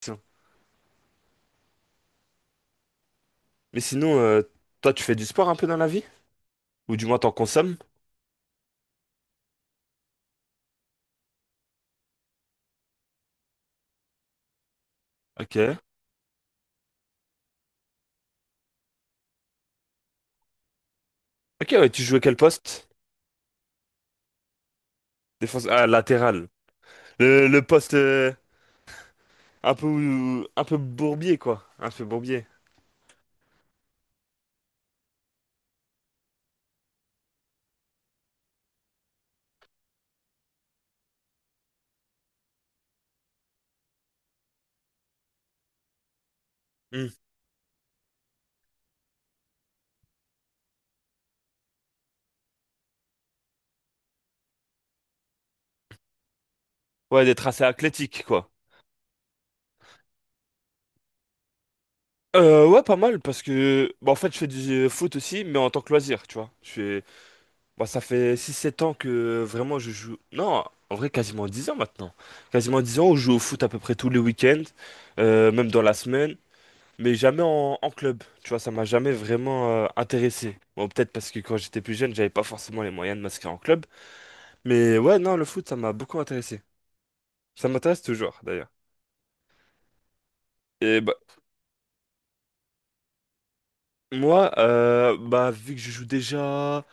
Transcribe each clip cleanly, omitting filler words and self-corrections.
Tiens. Mais sinon, toi, tu fais du sport un peu dans la vie? Ou du moins, t'en consommes? Ok. Ok, ouais, tu jouais quel poste? Défense. Ah, latéral. Le poste un peu bourbier, quoi. Un peu bourbier. Hmm. Ouais, des tracés athlétiques, quoi. Ouais, pas mal, parce que bah, en fait, je fais du foot aussi, mais en tant que loisir, tu vois. Je fais. Bah, ça fait six, sept ans que vraiment je joue. Non, en vrai, quasiment 10 ans maintenant. Quasiment 10 ans, où je joue au foot à peu près tous les week-ends, même dans la semaine, mais jamais en club. Tu vois, ça m'a jamais vraiment intéressé. Bon, peut-être parce que quand j'étais plus jeune, j'avais pas forcément les moyens de m'inscrire en club. Mais ouais, non, le foot, ça m'a beaucoup intéressé. Ça m'intéresse toujours, d'ailleurs. Et bah, moi, bah, vu que je joue déjà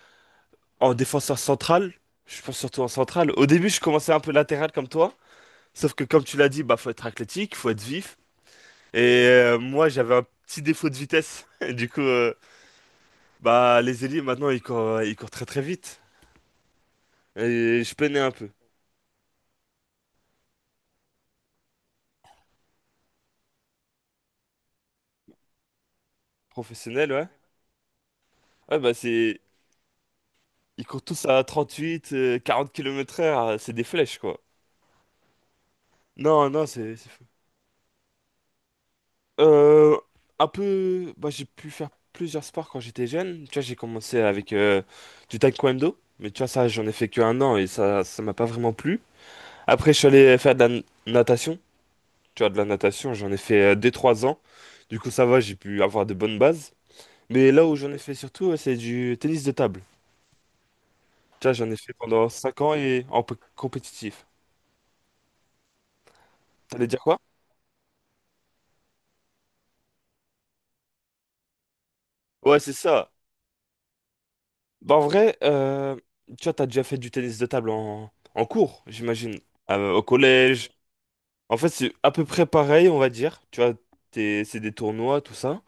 en défenseur central, je pense surtout en central. Au début, je commençais un peu latéral comme toi. Sauf que, comme tu l'as dit, bah, faut être athlétique, faut être vif. Et moi, j'avais un petit défaut de vitesse. Du coup, bah, les ailiers, maintenant, ils courent très très vite. Et je peinais un peu. Professionnel, ouais. Ouais, bah c'est. Ils courent tous à 38, 40 kilomètres heure, c'est des flèches, quoi. Non, non, c'est fou. Euh, un peu. Bah, j'ai pu faire plusieurs sports quand j'étais jeune. Tu vois, j'ai commencé avec du taekwondo. Mais tu vois, ça, j'en ai fait que un an et ça m'a pas vraiment plu. Après, je suis allé faire de la natation. Tu vois, de la natation, j'en ai fait 2 trois ans. Du coup, ça va, j'ai pu avoir de bonnes bases. Mais là où j'en ai fait surtout, ouais, c'est du tennis de table. Tu vois, j'en ai fait pendant 5 ans et en compétitif. T'allais dire quoi? Ouais, c'est ça. Bah, en vrai, tu vois, t'as déjà fait du tennis de table en, en cours, j'imagine. Au collège. En fait, c'est à peu près pareil, on va dire. Tu vois, c'est des tournois, tout ça.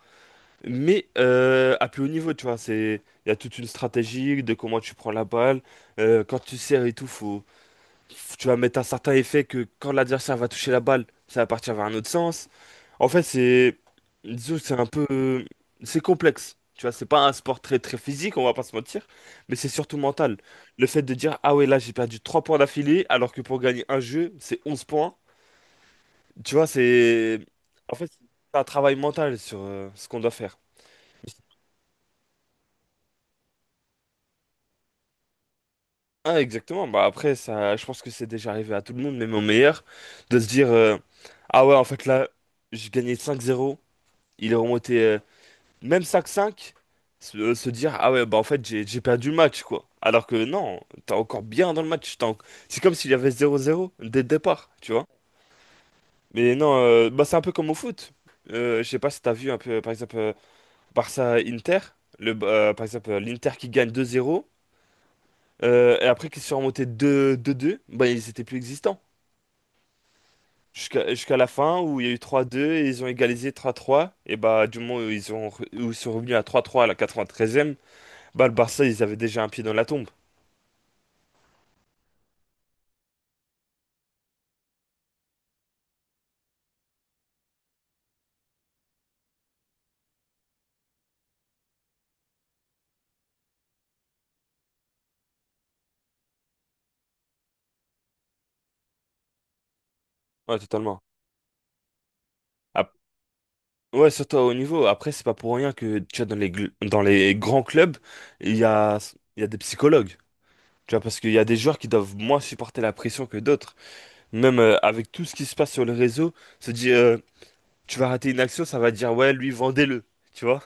Mais à plus haut niveau, tu vois, il y a toute une stratégie de comment tu prends la balle. Quand tu sers et tout, tu vas mettre un certain effet que quand l'adversaire va toucher la balle, ça va partir vers un autre sens. En fait, disons, que c'est un peu, c'est complexe. Tu vois, c'est pas un sport très très physique, on va pas se mentir, mais c'est surtout mental. Le fait de dire, ah ouais, là j'ai perdu 3 points d'affilée, alors que pour gagner un jeu, c'est 11 points. Tu vois, en fait, c'est un travail mental sur ce qu'on doit faire. Ah, exactement. Bah après, ça, je pense que c'est déjà arrivé à tout le monde, même au meilleur, de se dire, ah ouais, en fait là, j'ai gagné 5-0, il est remonté même 5-5, se dire, ah ouais, bah en fait, j'ai perdu le match, quoi. Alors que non, t'es encore bien dans le match. C'est comme s'il y avait 0-0 dès le départ, tu vois. Mais non, bah c'est un peu comme au foot. Je sais pas si t'as vu un peu, par exemple, Barça-Inter, par exemple, l'Inter qui gagne 2-0, et après qui se sont remontés 2-2, bah ils étaient plus existants. Jusqu'à la fin où il y a eu 3-2 et ils ont égalisé 3-3. Et bah du moment où ils ont où ils sont revenus à 3-3 à la 93e, bah, le Barça, ils avaient déjà un pied dans la tombe. Ouais, totalement. Ap- ouais, surtout au niveau. Après, c'est pas pour rien que, tu vois, dans les grands clubs, il y a, il y a des psychologues. Tu vois, parce qu'il y a des joueurs qui doivent moins supporter la pression que d'autres. Même avec tout ce qui se passe sur le réseau, se dire, tu vas rater une action, ça va dire, ouais, lui, vendez-le. Tu vois?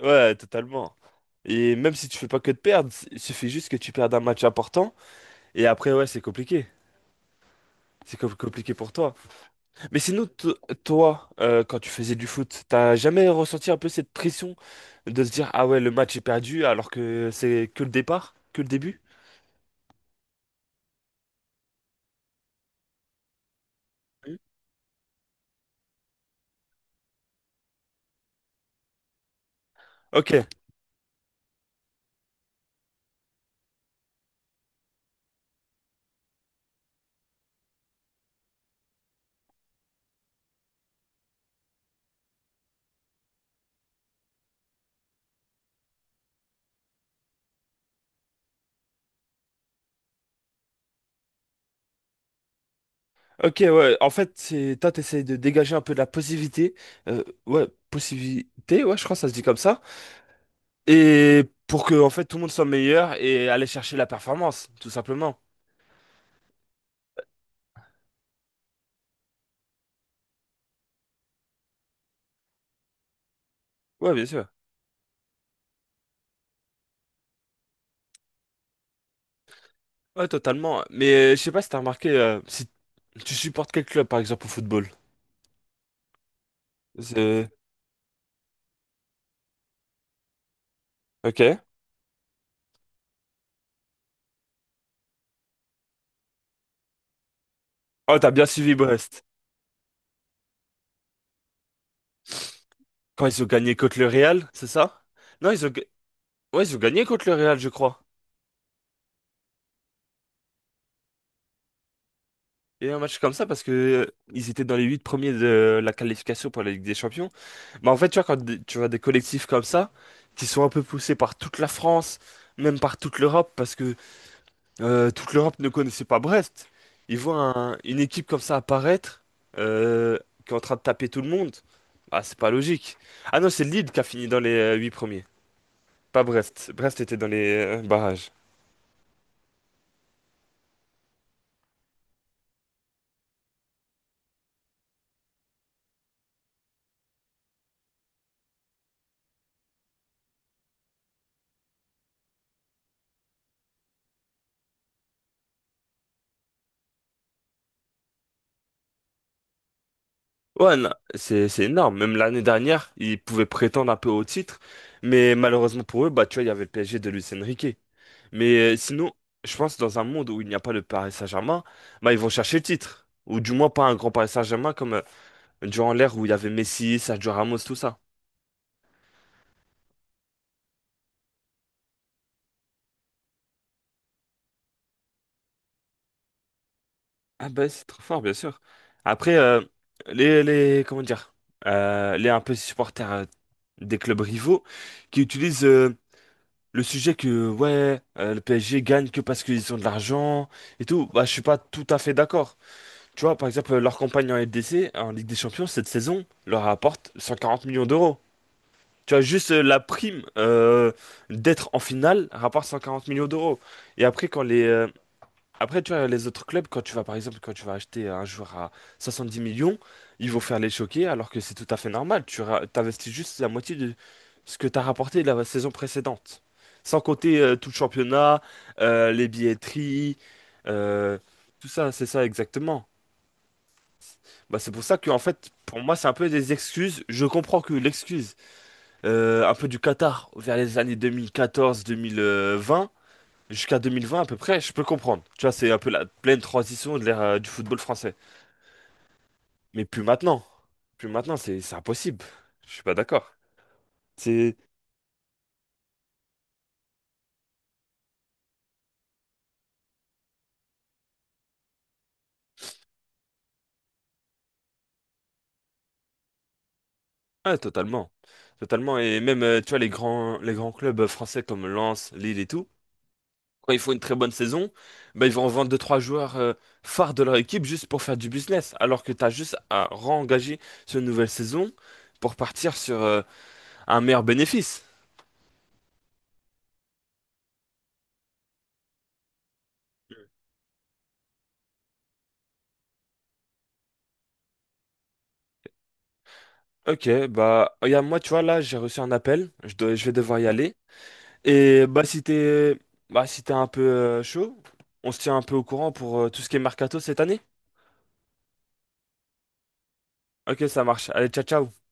Ouais, totalement. Et même si tu fais pas que de perdre, il suffit juste que tu perdes un match important. Et après, ouais, c'est compliqué. C'est compliqué pour toi. Mais sinon, toi, quand tu faisais du foot, t'as jamais ressenti un peu cette pression de se dire, ah ouais, le match est perdu alors que c'est que le départ, que le début? Hmm. Ok, ok, ouais. En fait, c'est toi, t'essayes de dégager un peu de la positivité, ouais, possibilité, ouais, je crois que ça se dit comme ça, et pour que en fait tout le monde soit meilleur et aller chercher la performance, tout simplement. Ouais, bien sûr. Ouais, totalement. Mais je sais pas si t'as remarqué, si tu supportes quel club, par exemple, au football. C'est- Ok. Oh, t'as bien suivi Brest. Quand ils ont gagné contre le Real, c'est ça? Non, ouais, ils ont gagné contre le Real, je crois. Et un match comme ça parce que ils étaient dans les huit premiers de la qualification pour la Ligue des Champions. Mais en fait, tu vois, tu vois des collectifs comme ça, qui sont un peu poussés par toute la France, même par toute l'Europe, parce que toute l'Europe ne connaissait pas Brest. Ils voient une équipe comme ça apparaître, euh, qui est en train de taper tout le monde. Ah, c'est pas logique. Ah non, c'est Lille qui a fini dans les huit premiers. Pas Brest. Brest était dans les barrages. Ouais, non, c'est énorme. Même l'année dernière, ils pouvaient prétendre un peu au titre, mais malheureusement pour eux, bah tu vois, il y avait le PSG de Luis Enrique. Mais sinon, je pense dans un monde où il n'y a pas le Paris Saint-Germain, bah ils vont chercher le titre, ou du moins pas un grand Paris Saint-Germain comme durant l'ère où il y avait Messi, Sergio Ramos, tout ça. Ah bah c'est trop fort, bien sûr. Après, les comment dire, les un peu supporters des clubs rivaux qui utilisent le sujet que ouais le PSG gagne que parce qu'ils ont de l'argent et tout, bah je suis pas tout à fait d'accord. Tu vois, par exemple, leur campagne en LDC, en Ligue des Champions, cette saison leur rapporte 140 millions d'euros. Tu vois, juste la prime d'être en finale rapporte 140 millions d'euros. Et après, quand les après, tu vois, les autres clubs, quand tu vas, par exemple, quand tu vas acheter un joueur à 70 millions, ils vont faire les choquer, alors que c'est tout à fait normal. T'investis juste la moitié de ce que t'as rapporté la saison précédente. Sans compter tout le championnat, les billetteries, euh, tout ça, c'est ça exactement. Bah, c'est pour ça que, en fait, pour moi, c'est un peu des excuses. Je comprends que l'excuse, un peu du Qatar, vers les années 2014-2020, jusqu'à 2020 à peu près, je peux comprendre. Tu vois, c'est un peu la pleine transition de l'ère du football français. Mais plus maintenant. Plus maintenant, c'est impossible. Je suis pas d'accord. C'est Ouais, totalement. Totalement, et même tu vois les grands clubs français comme Lens, Lille et tout, quand ils font une très bonne saison, bah, ils vont vendre deux trois joueurs phares de leur équipe juste pour faire du business, alors que tu as juste à re-engager sur une nouvelle saison pour partir sur un meilleur bénéfice. Ok, bah, regarde, moi, tu vois, là, j'ai reçu un appel, je dois, je vais devoir y aller. Et bah si t'es bah, si t'es un peu chaud, on se tient un peu au courant pour tout ce qui est mercato cette année. Ok, ça marche. Allez, ciao, ciao.